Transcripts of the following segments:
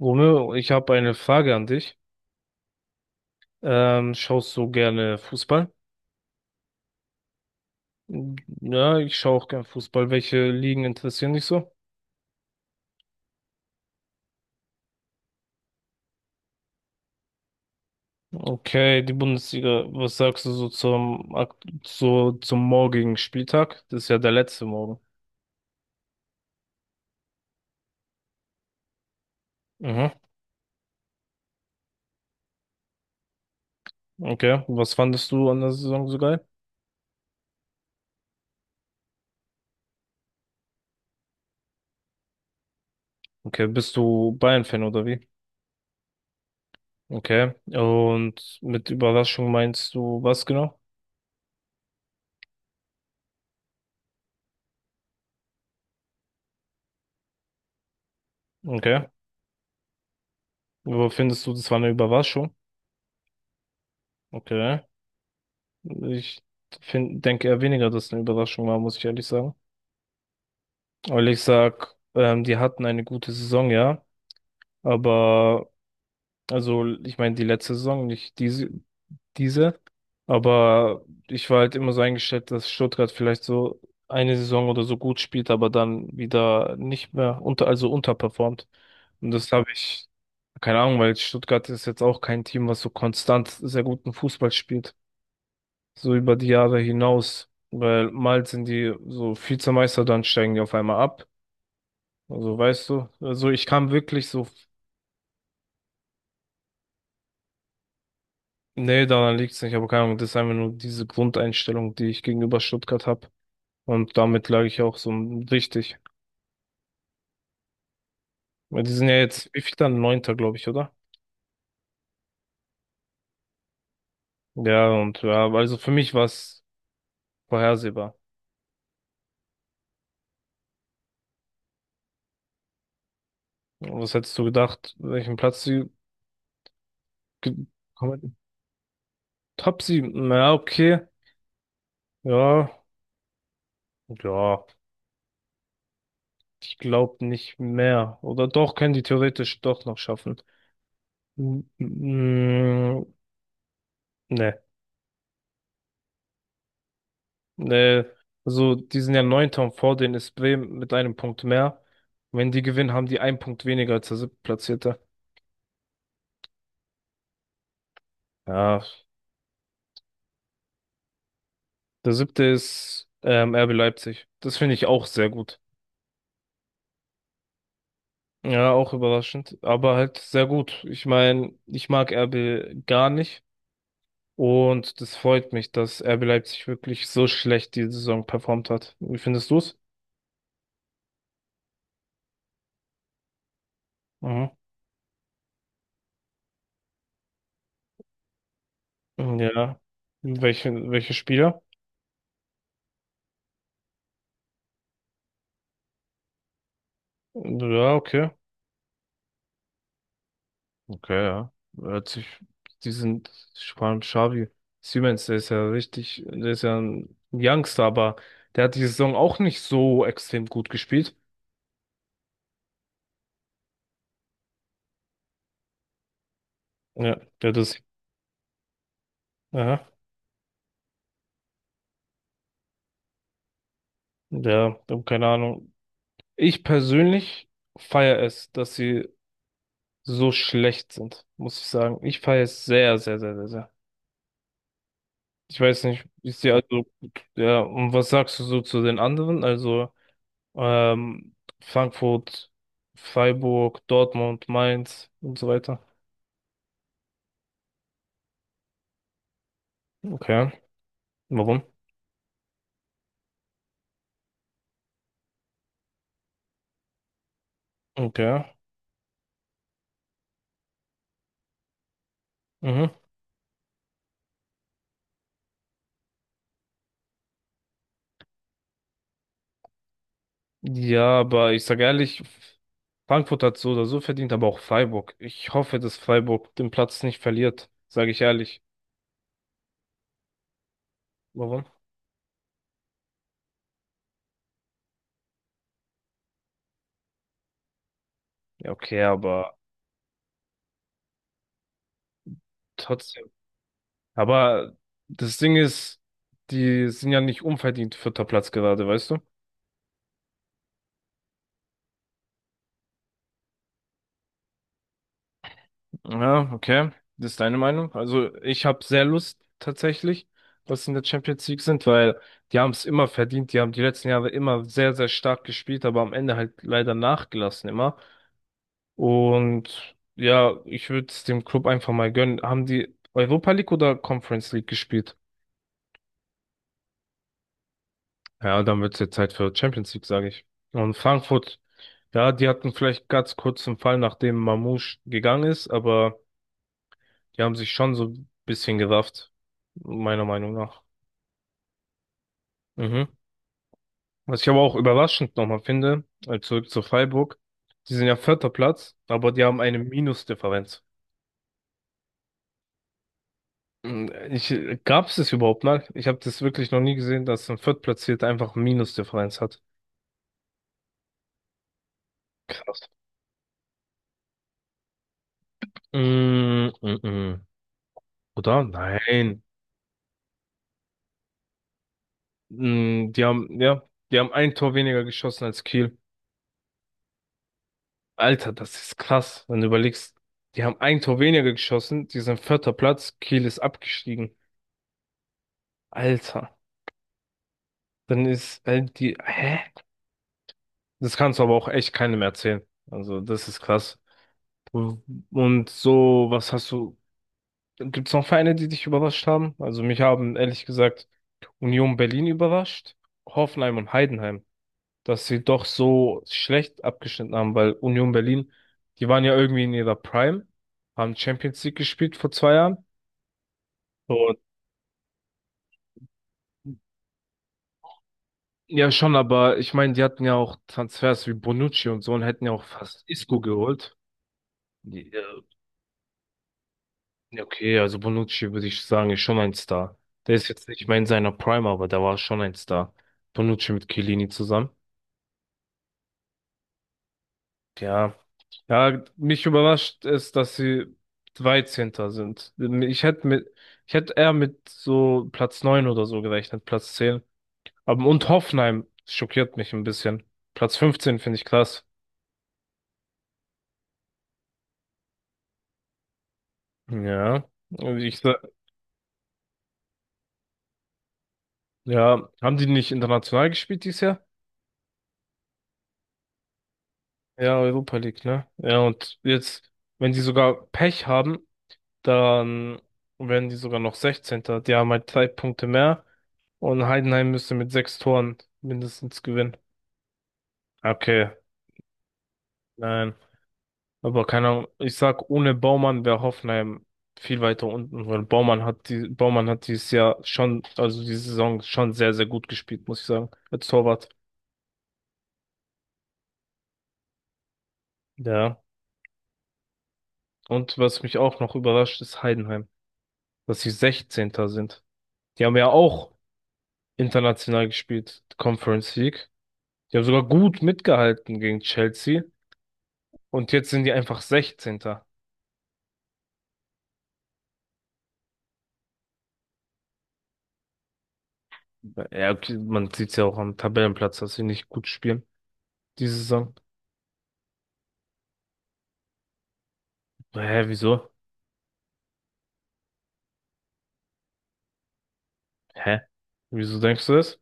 Romeo, ich habe eine Frage an dich. Schaust du gerne Fußball? Ja, ich schaue auch gerne Fußball. Welche Ligen interessieren dich so? Okay, die Bundesliga. Was sagst du so zum morgigen Spieltag? Das ist ja der letzte Morgen. Mhm. Okay. Was fandest du an der Saison so geil? Okay, bist du Bayern-Fan oder wie? Okay. Und mit Überraschung meinst du was genau? Okay. Wo findest du, das war eine Überraschung? Okay. Ich denke eher weniger, dass es eine Überraschung war, muss ich ehrlich sagen. Weil ich sag, die hatten eine gute Saison, ja. Aber, also, ich meine, die letzte Saison, nicht diese. Aber ich war halt immer so eingestellt, dass Stuttgart vielleicht so eine Saison oder so gut spielt, aber dann wieder nicht mehr also unterperformt. Und keine Ahnung, weil Stuttgart ist jetzt auch kein Team, was so konstant sehr guten Fußball spielt, so über die Jahre hinaus, weil mal sind die so Vizemeister, dann steigen die auf einmal ab. Also weißt du, also ich kam wirklich so, nee, daran liegt's nicht, aber keine Ahnung, das ist einfach nur diese Grundeinstellung, die ich gegenüber Stuttgart habe. Und damit lag ich auch so richtig. Weil die sind ja jetzt, wie viel dann? Neunter, glaube ich, oder? Ja, und ja, also für mich war's vorhersehbar. Was hättest du gedacht, welchen Platz sie ge- kommen hätten? Top sieben, na okay, ja, ja. Ich glaube nicht mehr. Oder doch, können die theoretisch doch noch schaffen. M- m- Nee, nee. Also, die sind ja neunter und vor denen ist Bremen mit einem Punkt mehr. Wenn die gewinnen, haben die einen Punkt weniger als der siebtplatzierte. Ja, der siebte ist RB Leipzig. Das finde ich auch sehr gut. Ja, auch überraschend, aber halt sehr gut. Ich meine, ich mag RB gar nicht und das freut mich, dass RB Leipzig wirklich so schlecht die Saison performt hat. Wie findest du's? Mhm. Ja. Welche Spieler? Ja, okay. Okay, ja. Hört sich, die sind, vor allem Xavi Siemens, der ist ja ein Youngster, aber der hat die Saison auch nicht so extrem gut gespielt. Ja, der das, ja, der, keine Ahnung. Ich persönlich feiere es, dass sie so schlecht sind, muss ich sagen. Ich feiere es sehr, sehr, sehr, sehr, sehr. Ich weiß nicht, ich sehe also, ja, und was sagst du so zu den anderen? Also, Ähm, Frankfurt, Freiburg, Dortmund, Mainz und so weiter. Okay. Warum? Okay. Mhm. Ja, aber ich sage ehrlich, Frankfurt hat so oder so verdient, aber auch Freiburg. Ich hoffe, dass Freiburg den Platz nicht verliert, sage ich ehrlich. Warum? Ja, okay, aber trotzdem. Aber das Ding ist, die sind ja nicht unverdient vierter Platz gerade, weißt du? Ja, okay. Das ist deine Meinung. Also ich habe sehr Lust tatsächlich, dass sie in der Champions League sind, weil die haben es immer verdient. Die haben die letzten Jahre immer sehr, sehr stark gespielt, aber am Ende halt leider nachgelassen immer. Und ja, ich würde es dem Club einfach mal gönnen. Haben die Europa League oder Conference League gespielt? Ja, dann wird es jetzt Zeit für Champions League, sage ich. Und Frankfurt, ja, die hatten vielleicht ganz kurz einen Fall, nachdem Mamouche gegangen ist, aber die haben sich schon so ein bisschen gerafft, meiner Meinung nach. Mhm. Was ich aber auch überraschend nochmal finde, zurück zu Freiburg, die sind ja vierter Platz, aber die haben eine Minusdifferenz. Mm, Ich, gab es das überhaupt mal? Ich habe das wirklich noch nie gesehen, dass ein Viertplatzierter einfach Minusdifferenz hat. Krass. Mm, mm, mm. Oder? Nein. Mm, die haben, ja, die haben ein Tor weniger geschossen als Kiel. Alter, das ist krass, wenn du überlegst. Die haben ein Tor weniger geschossen, die sind vierter Platz, Kiel ist abgestiegen. Alter, dann hä? Das kannst du aber auch echt keinem erzählen. Also, das ist krass. Und so, was hast du? Gibt es noch Vereine, die dich überrascht haben? Also, mich haben ehrlich gesagt Union Berlin überrascht, Hoffenheim und Heidenheim, dass sie doch so schlecht abgeschnitten haben, weil Union Berlin, die waren ja irgendwie in ihrer Prime, haben Champions League gespielt vor 2 Jahren. Und ja, schon, aber ich meine, die hatten ja auch Transfers wie Bonucci und so und hätten ja auch fast Isco geholt. Ja. Ja, okay, also Bonucci würde ich sagen, ist schon ein Star. Der ist jetzt nicht mehr in seiner Prime, aber der war schon ein Star. Bonucci mit Chiellini zusammen. Ja. Ja, mich überrascht es, dass sie 13. sind. Ich hätte mit, ich hätte eher mit so Platz 9 oder so gerechnet, Platz 10. Aber und Hoffenheim schockiert mich ein bisschen. Platz 15 finde ich krass. Ja. Ich, sa- ja, haben die nicht international gespielt dieses Jahr? Ja, Europa League, ne? Ja, und jetzt, wenn die sogar Pech haben, dann werden die sogar noch sechzehnter. Die haben halt 3 Punkte mehr und Heidenheim müsste mit 6 Toren mindestens gewinnen. Okay, nein. Aber keine Ahnung, ich sag, ohne Baumann wäre Hoffenheim viel weiter unten, weil Baumann hat dieses Jahr schon, also die Saison schon sehr, sehr gut gespielt, muss ich sagen, als Torwart. Ja. Und was mich auch noch überrascht, ist Heidenheim, dass sie sechzehnter sind. Die haben ja auch international gespielt, Conference League. Die haben sogar gut mitgehalten gegen Chelsea. Und jetzt sind die einfach 16. Ja, okay, man sieht es ja auch am Tabellenplatz, dass sie nicht gut spielen diese Saison. Hä, wieso? Hä? Wieso denkst du das?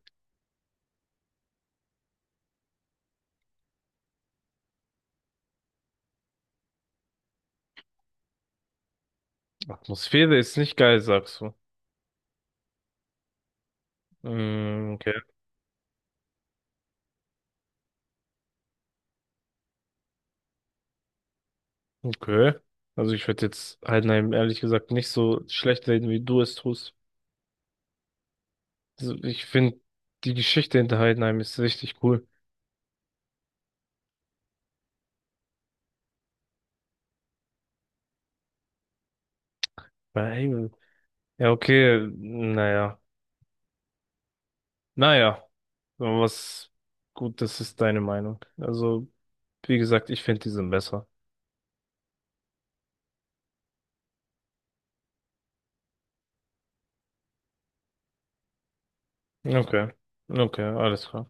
Atmosphäre ist nicht geil, sagst du. Mm, okay. Okay. Also ich würde jetzt Heidenheim ehrlich gesagt nicht so schlecht reden, wie du es tust. Also ich finde, die Geschichte hinter Heidenheim ist richtig cool. Weil, ja, okay, naja. Naja, aber das ist deine Meinung. Also, wie gesagt, ich finde die sind besser. Okay, okay, alles klar.